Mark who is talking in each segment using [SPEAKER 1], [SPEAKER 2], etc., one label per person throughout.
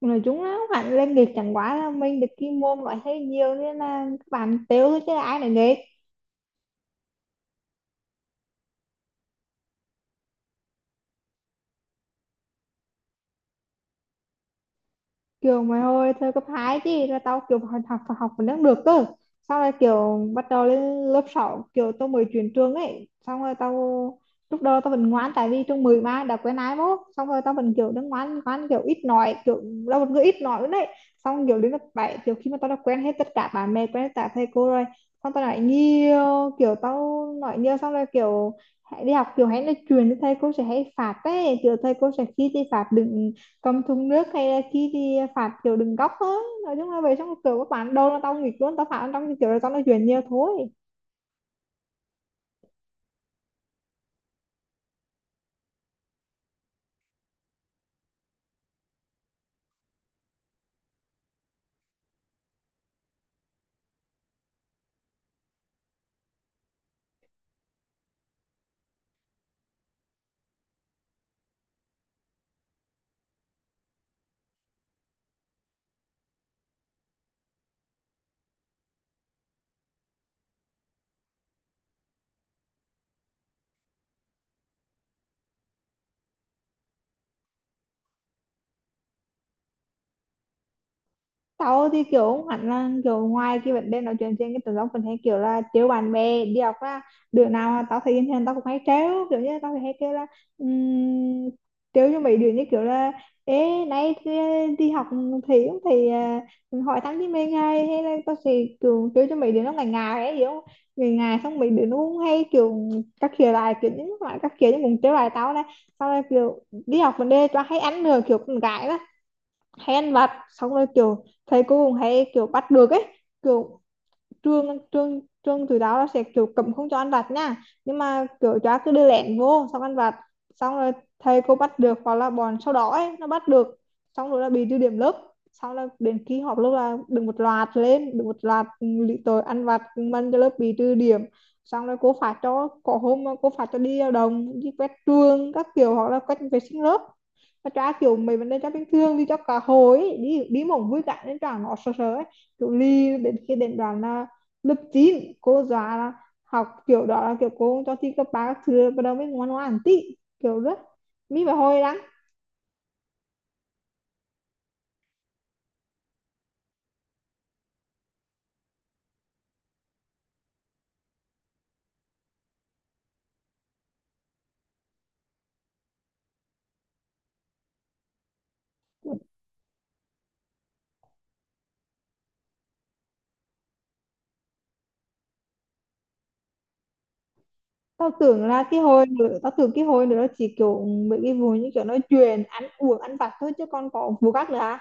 [SPEAKER 1] Mà chúng nó không hẳn lên nghịch chẳng quá là mình được cái môn loại hay nhiều nên là các bạn tiêu thôi, chứ ai lại nghịch. Kiểu mày ơi, thời cấp 2 chứ là tao kiểu học học học vẫn đang được cơ. Xong rồi kiểu bắt đầu lên lớp sáu, kiểu tao mới chuyển trường ấy, xong rồi tao lúc đầu tao vẫn ngoan, tại vì trường 10 mà đã quen ai mốt, xong rồi tao vẫn kiểu đang ngoan ngoan kiểu ít nói, kiểu là một người ít nói nữa đấy. Xong kiểu đến lớp bảy, kiểu khi mà tao đã quen hết tất cả bạn bè, quen hết cả thầy cô rồi, xong tao nói nhiều, xong rồi kiểu hãy đi học, kiểu hãy nói chuyện với thầy cô sẽ hay phạt ấy, kiểu thầy cô sẽ khi thì phạt đừng công thùng nước, hay là khi thì phạt kiểu đừng góc thôi. Nói chung là về trong kiểu các bạn đâu là tao nghịch luôn, tao phạt trong kiểu là tao nói chuyện nhiều thôi. Tao thì kiểu không hẳn là kiểu ngoài cái vấn đề nói chuyện trên cái tụi nó, mình hay kiểu là trêu bạn bè đi học á. Đứa nào mà tao thấy bình thường tao cũng hay trêu, kiểu như tao thì hay kêu là um, trêu cho mấy đứa như kiểu là ê nay đi đi học, thì không thì hỏi thăm với mình, hay hay là tao sẽ kiểu trêu cho mấy đứa nó ngại ngại ấy, hiểu không. Ngại ngại xong mấy đứa nó cũng hay kiểu các kiểu lại, kiểu những loại các kiểu như muốn trêu lại tao này. Sau này kiểu đi học vấn đề cho hay ăn nữa, kiểu con gái đó hay ăn vặt, xong rồi kiểu thầy cô cũng hay kiểu bắt được ấy, kiểu trương trương trương từ đó là sẽ kiểu cấm không cho ăn vặt nha. Nhưng mà kiểu chó cứ đưa lẹn vô xong ăn vặt, xong rồi thầy cô bắt được hoặc là bọn sau đó ấy, nó bắt được, xong rồi là bị trừ điểm lớp. Xong là đến khi họp lớp là được một loạt lên, được một loạt lý tội ăn vặt mân cho lớp bị trừ điểm. Xong rồi cô phạt cho, có hôm cô phạt cho đi lao động, đi quét trường các kiểu, hoặc là quét vệ sinh lớp. Mà trả kiểu mấy vấn đề cho bình thường đi cho cả hồi ấy, đi đi mỏng vui cả nên trả nó sợ sợ ấy, kiểu ly đến khi đến đoàn là lớp 9 cô dọa là học kiểu đó là kiểu cô cho thi cấp ba các thứ, bắt đầu mới ngoan ngoãn tí, kiểu rất mi và hồi lắm. Tao tưởng cái hồi nữa nó chỉ kiểu mấy cái vụ như kiểu nói chuyện ăn uống ăn vặt thôi, chứ còn có vụ khác nữa à.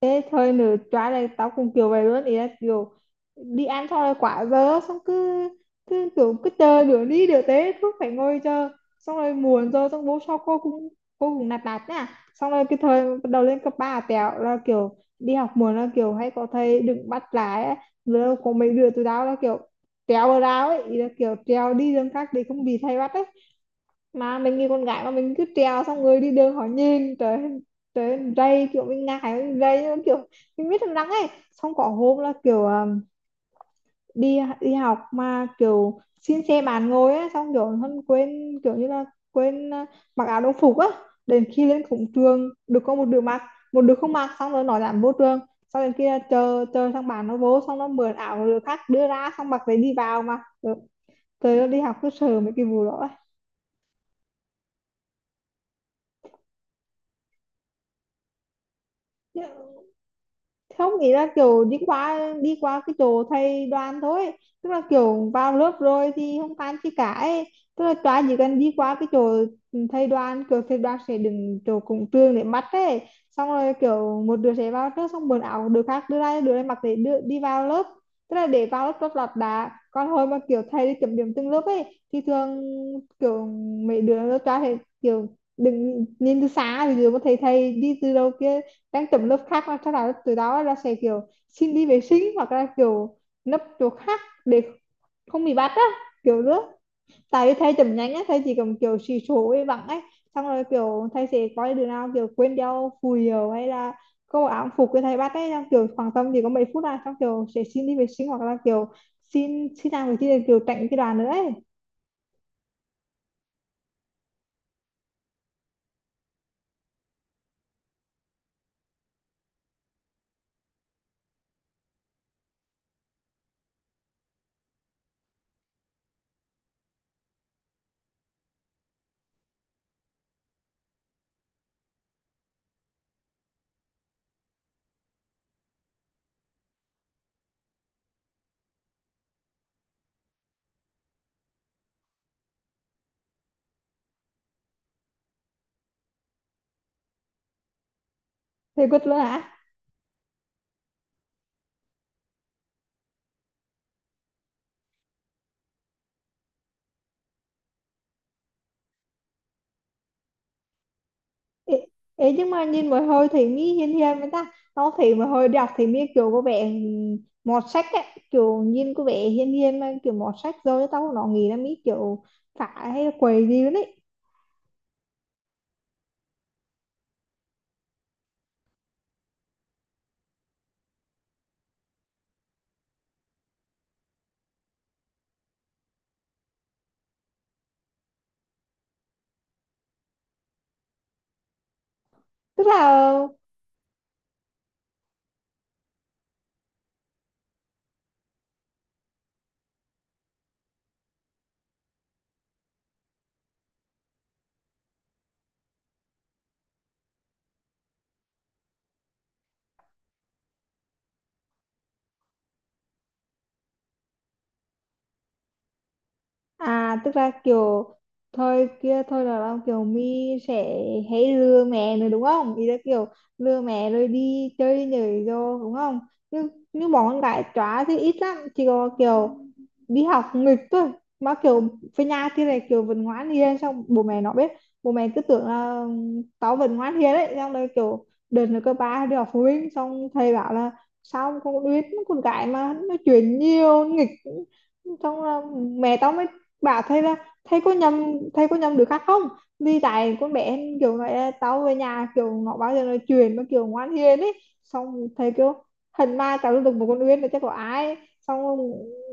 [SPEAKER 1] Thế thôi nữa tróa này tao cũng kiểu vậy luôn, ý là kiểu đi ăn xong rồi quả giờ xong cứ cứ kiểu cứ chờ nửa đi nửa tế, cứ phải ngồi chờ, xong rồi muộn rồi, xong bố sau cô cũng nạt nạt nha. Xong rồi cái thời bắt đầu lên cấp ba tẹo là kiểu đi học muộn là kiểu hay có thầy đừng bắt lái á. Rồi có mấy đứa tụi tao là kiểu trèo vào rào ấy, ý là kiểu trèo đi đường khác để không bị thầy bắt ấy. Mà mình như con gái mà mình cứ trèo, xong người đi đường họ nhìn, trời trời rây kiểu mình ngại, mình rây, nhưng mà kiểu mình biết thằng răng ấy. Xong có hôm là kiểu đi đi học mà kiểu xin xe bàn ngồi á, xong kiểu hơn quên kiểu như là quên mặc áo đồng phục á. Đến khi lên cổng trường được có một đứa mặc, một đứa không mặc, xong rồi nó dám vô trường, xong đến kia chờ chờ thằng bạn nó vô, xong nó mượn áo của đứa khác đưa ra, xong mặc lấy đi vào mà. Trời ơi, đi học cứ sợ mấy cái vụ đó ấy. Không, ý là kiểu đi qua cái chỗ thầy đoàn thôi, tức là kiểu vào lớp rồi thì không tan chi cả ấy. Tức là tòa chỉ cần đi qua cái chỗ thầy đoàn, kiểu thầy đoàn sẽ đứng chỗ cổng trường để mắt ấy, xong rồi kiểu một đứa sẽ vào trước, xong quần áo đứa khác đưa ra, đứa này mặc để đưa, đi vào lớp. Tức là để vào lớp rất là đã. Còn hồi mà kiểu thầy đi kiểm điểm từng lớp ấy thì thường kiểu mấy đứa lớp tòa thì kiểu đừng nhìn từ xa, thì đứa mà thầy thầy đi từ đầu kia đang tùm lớp khác, mà sau đó từ đó là sẽ kiểu xin đi vệ sinh hoặc là kiểu nấp chỗ khác để không bị bắt á, kiểu nữa. Tại vì thầy chậm nhanh á, thầy chỉ cầm kiểu xì số ấy vắng ấy, xong rồi kiểu thầy sẽ có đứa nào kiểu quên đeo phù hiệu hay là có áo phục cái thầy bắt ấy, xong kiểu khoảng tầm chỉ có mấy phút là xong, kiểu sẽ xin đi vệ sinh hoặc là kiểu xin xin làm cái gì để kiểu tránh cái đoàn nữa ấy. Thầy quất luôn hả. Ê, ê, nhưng mà nhìn một hồi thì mi hiền hiền mà ta. Tao thấy một hồi đọc thì mi kiểu có vẻ mọt sách ấy, kiểu nhìn có vẻ hiền hiền mà kiểu mọt sách, rồi tao nó nghĩ là mi kiểu phải hay quậy gì đấy. Tức là À tức là kiểu thôi kia, thôi là kiểu mi sẽ hãy lừa mẹ nữa đúng không? Ý là kiểu lừa mẹ rồi đi chơi nhảy vô đúng không? Nhưng bọn con gái chóa thì ít lắm, chỉ có kiểu đi học nghịch thôi. Mà kiểu về nhà thì này kiểu vẫn ngoan hiền, xong bố mẹ nó biết, bố mẹ cứ tưởng là tao vẫn ngoan hiền đấy. Xong rồi kiểu đợt nữa cơ ba đi học phụ huynh, xong thầy bảo là sao con biết con gái mà nó chuyện nhiều nghịch. Xong là mẹ tao mới bảo thấy là thấy có nhầm, đứa khác không, vì tại con bé em kiểu nói là tao về nhà kiểu nó bao giờ nói chuyện mà kiểu ngoan hiền ấy. Xong thầy kiểu hình ma tao luôn, được một con Uyên là chắc có ai. Xong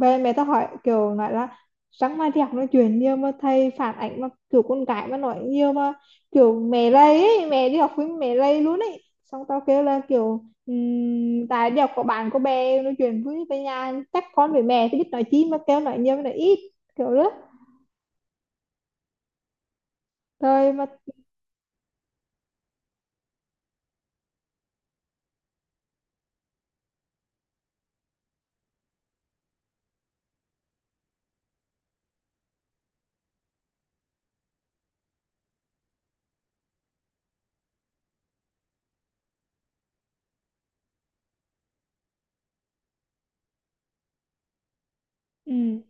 [SPEAKER 1] về mẹ tao hỏi kiểu nói là sáng mai đi học nói chuyện nhiều mà thầy phản ảnh, mà kiểu con gái mà nói nhiều mà kiểu mẹ lây ấy, mẹ đi học với mẹ lây luôn ấy. Xong tao kêu là kiểu tại đi học có bạn có bè nói chuyện với, về nhà chắc con với mẹ thì biết nói chi mà kêu nói nhiều với nói ít, kiểu đó. Rồi mà ừ.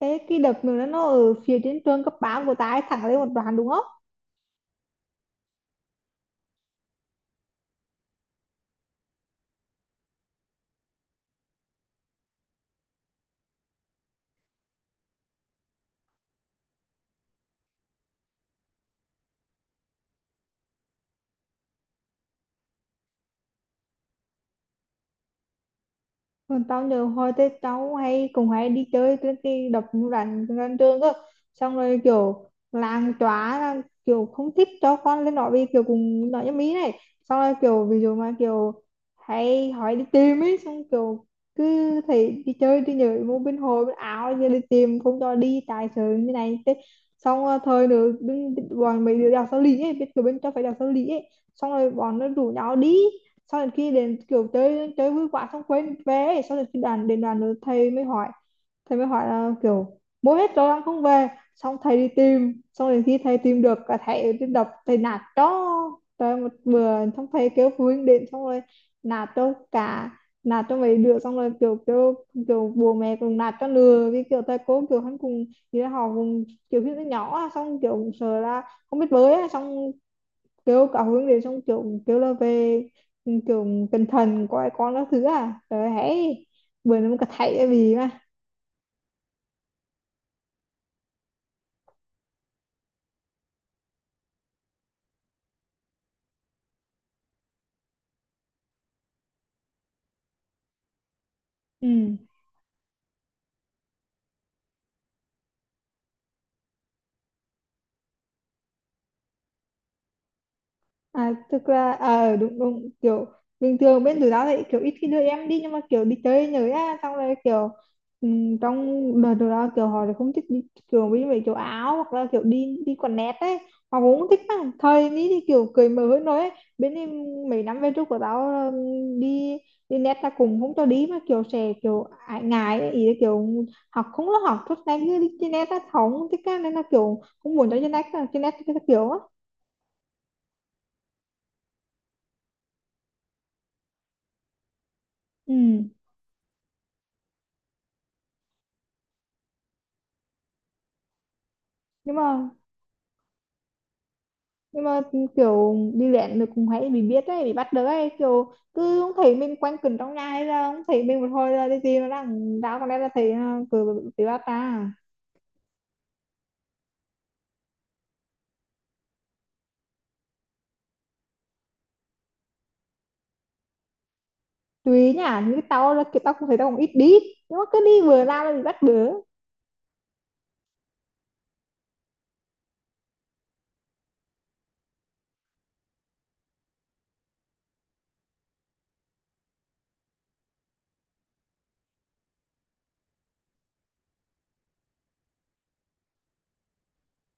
[SPEAKER 1] Thế cái đợt nữa nó ở phía trên trường cấp 3 của ta ấy, thẳng lên một đoạn đúng không? Còn tao nhớ hồi tết cháu hay cũng hay đi chơi cái đập rắn gần trường cơ, xong rồi kiểu làng chóa là kiểu không thích cho con lên đó vì kiểu cùng nói nhâm ý này. Xong rồi kiểu ví dụ mà kiểu hay hỏi đi tìm ấy, xong kiểu cứ thấy đi chơi đi nhảy mua bên hồ bên áo, giờ đi tìm không cho đi tài sự như này thế. Xong rồi thời nữa đứng bọn mấy đứa đèo sao lý ấy biết kiểu bên cho phải đèo sao lý ấy. Xong rồi bọn nó rủ nhau đi, sau đến khi đến kiểu chơi chơi vui quá xong quên vé. Sau đến khi đàn đến đàn nữa thầy mới hỏi, là kiểu bố hết rồi đang không về. Xong thầy đi tìm, xong đến khi thầy tìm được cả thầy đi đập, thầy nạt cho trời một bữa. Xong thầy kêu phụ huynh đến xong rồi nạt cho cả nạt cho mấy đứa, xong rồi kiểu kiểu kiểu bố mẹ cùng nạt cho lừa, vì kiểu thầy cô kiểu hắn cùng như là họ cùng kiểu khi nó nhỏ, xong kiểu sợ là không biết bơi, xong kiểu cậu hướng điều, xong kiểu kiểu là về kiểu tinh thần của con các thứ, à rồi hãy bữa nó có thấy cái gì mà. Ừ. À, thực ra à, đúng đúng kiểu bình thường bên tụi tao thì kiểu ít khi đưa em đi nhưng mà kiểu đi chơi nhớ á, xong rồi kiểu trong đời tụi tao kiểu họ thì không thích đi, kiểu với mấy kiểu áo hoặc là kiểu đi đi quần nét ấy họ cũng không thích lắm, thời ní thì kiểu cười mở hơn nói ấy. Bên em mấy năm về trước của tao đi đi nét là cũng không cho đi, mà kiểu sẽ kiểu ải ngại ấy. Ý là kiểu học không có học tốt nhanh như đi trên nét á, họ không thích á, nên là kiểu không muốn cho trên nét, trên nét cái kiểu á. Ừ. nhưng mà nhưng mà kiểu đi luyện được cũng hay bị biết đấy, bị bắt được ấy, kiểu cứ không thấy mình quanh quẩn trong nhà, hay là không thấy mình một hồi là cái gì nó đang đau, còn đây là thấy nó cứ bị bắt ta. Tùy nhá, như tao là kiểu tao cũng thấy tao cũng ít đi, nhưng mà cứ đi vừa ra là bị bắt bớ.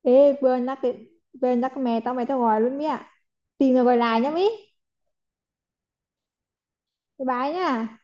[SPEAKER 1] Ê vừa nhắc đến vừa nhắc mẹ tao mày, tao gọi luôn mía, tìm rồi gọi lại nhá mỹ. Bye bye nhá.